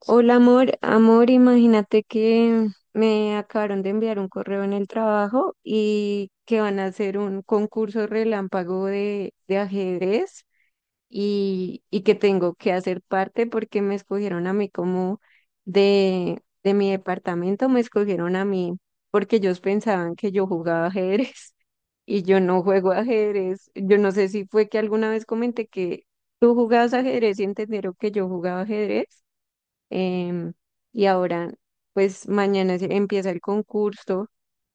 Hola amor, amor, imagínate que me acabaron de enviar un correo en el trabajo y que van a hacer un concurso relámpago de ajedrez y que tengo que hacer parte porque me escogieron a mí como de mi departamento, me escogieron a mí porque ellos pensaban que yo jugaba ajedrez y yo no juego ajedrez. Yo no sé si fue que alguna vez comenté que tú jugabas ajedrez y entendieron que yo jugaba ajedrez em, y ahora, pues mañana empieza el concurso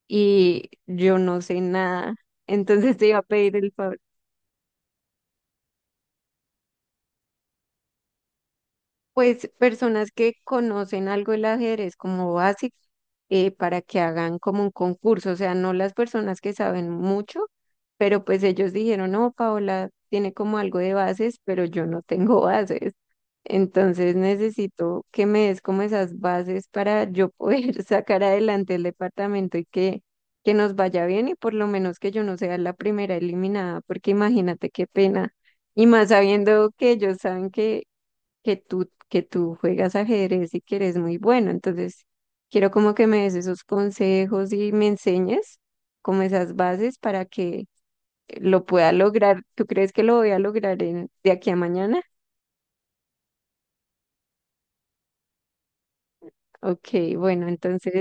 y yo no sé nada. Entonces te iba a pedir el favor. Pues personas que conocen algo el ajedrez como básico, para que hagan como un concurso, o sea, no las personas que saben mucho, pero pues ellos dijeron, no, Paola tiene como algo de bases, pero yo no tengo bases, entonces necesito que me des como esas bases para yo poder sacar adelante el departamento y que nos vaya bien y por lo menos que yo no sea la primera eliminada, porque imagínate qué pena. Y más sabiendo que ellos saben que que tú juegas ajedrez y que eres muy bueno. Entonces, quiero como que me des esos consejos y me enseñes como esas bases para que lo pueda lograr. ¿Tú crees que lo voy a lograr en, de aquí a mañana? Ok, bueno, entonces,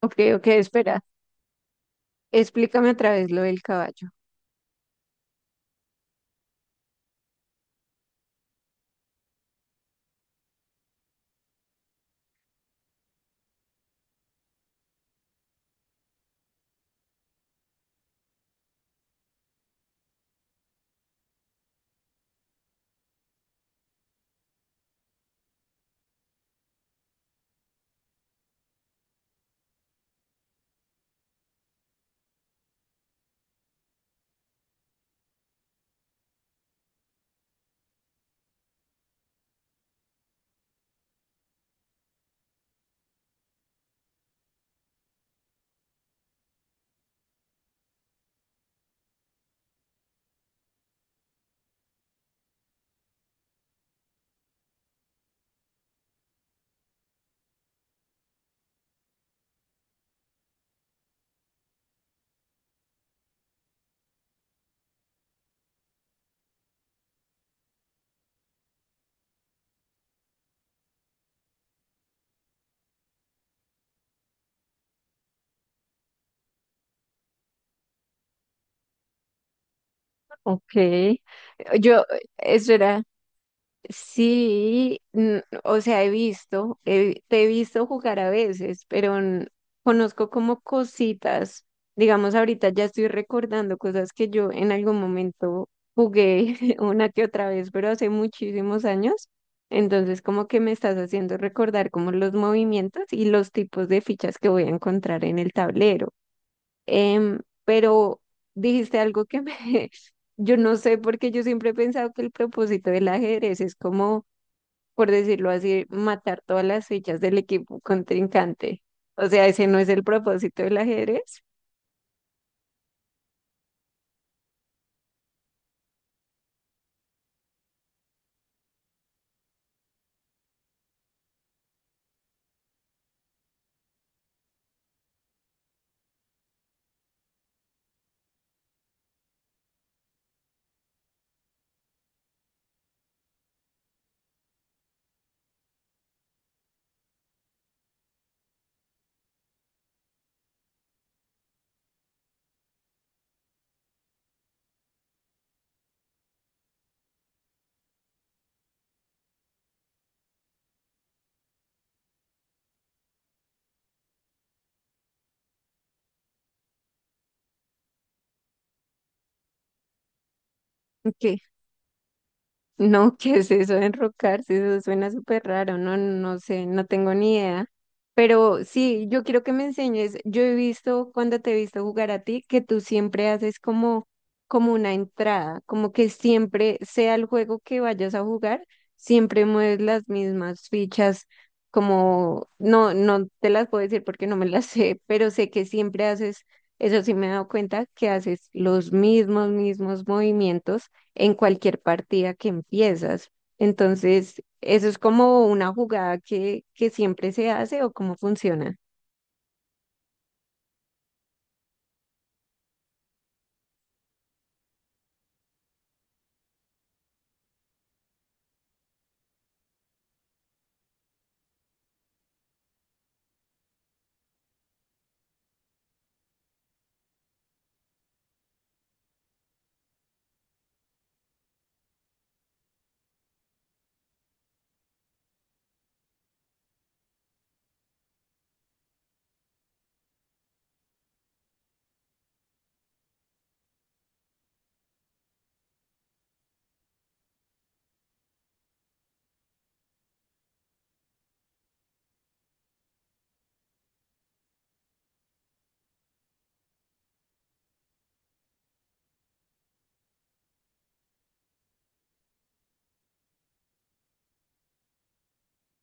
ok, ok, espera. Explícame otra vez lo del caballo. Ok, yo, eso. Sí, o sea, he visto, te he visto jugar a veces, pero conozco como cositas. Digamos, ahorita ya estoy recordando cosas que yo en algún momento jugué una que otra vez, pero hace muchísimos años. Entonces, como que me estás haciendo recordar como los movimientos y los tipos de fichas que voy a encontrar en el tablero. Em, pero dijiste algo que me... Yo no sé, porque yo siempre he pensado que el propósito del ajedrez es como, por decirlo así, matar todas las fichas del equipo contrincante. O sea, ese no es el propósito del ajedrez, que no. ¿Qué es eso de enrocarse? Eso suena súper raro, no, no sé, no tengo ni idea. Pero sí, yo quiero que me enseñes. Yo he visto cuando te he visto jugar a ti que tú siempre haces como, como una entrada, como que siempre sea el juego que vayas a jugar, siempre mueves las mismas fichas, como no, no te las puedo decir porque no me las sé, pero sé que siempre haces, eso sí me he dado cuenta, que haces los mismos movimientos en cualquier partida que empiezas. Entonces, eso es como una jugada que siempre se hace o cómo funciona.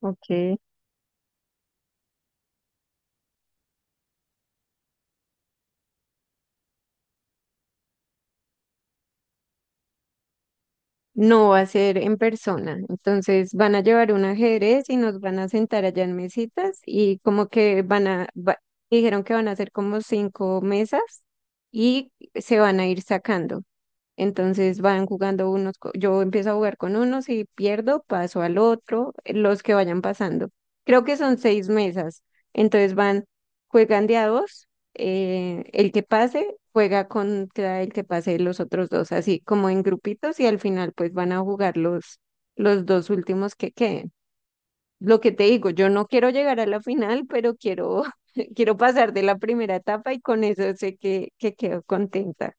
Ok. No va a ser en persona. Entonces, van a llevar un ajedrez y nos van a sentar allá en mesitas y como que van a, dijeron que van a hacer como cinco mesas y se van a ir sacando. Entonces van jugando unos, yo empiezo a jugar con unos y pierdo, paso al otro, los que vayan pasando. Creo que son seis mesas. Entonces van, juegan de a dos, el que pase juega contra el que pase los otros dos, así como en grupitos y al final pues van a jugar los dos últimos que queden. Lo que te digo, yo no quiero llegar a la final, pero quiero, quiero pasar de la primera etapa y con eso sé que quedo contenta.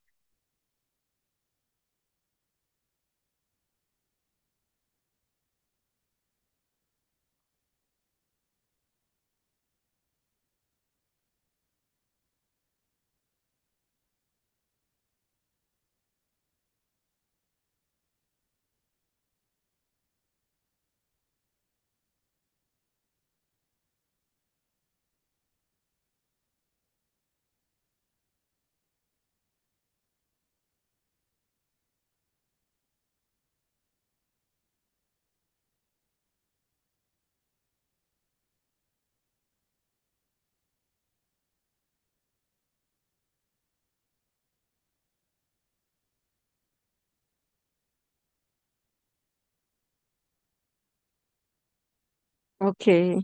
Ok.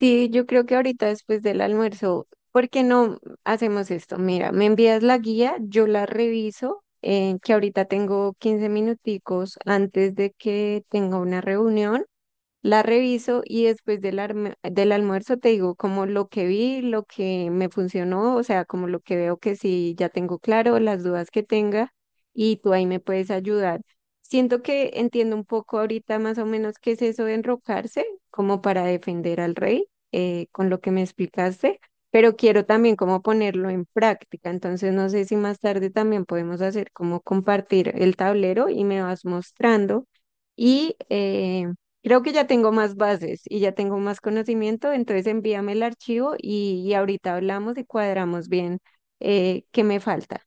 Sí, yo creo que ahorita después del almuerzo, ¿por qué no hacemos esto? Mira, me envías la guía, yo la reviso, que ahorita tengo 15 minuticos antes de que tenga una reunión. La reviso y después del almuerzo te digo como lo que vi, lo que me funcionó, o sea, como lo que veo que sí ya tengo claro, las dudas que tenga y tú ahí me puedes ayudar. Siento que entiendo un poco ahorita más o menos qué es eso de enrocarse, como para defender al rey, con lo que me explicaste, pero quiero también como ponerlo en práctica, entonces no sé si más tarde también podemos hacer como compartir el tablero y me vas mostrando y... creo que ya tengo más bases y ya tengo más conocimiento, entonces envíame el archivo y ahorita hablamos y cuadramos bien, qué me falta.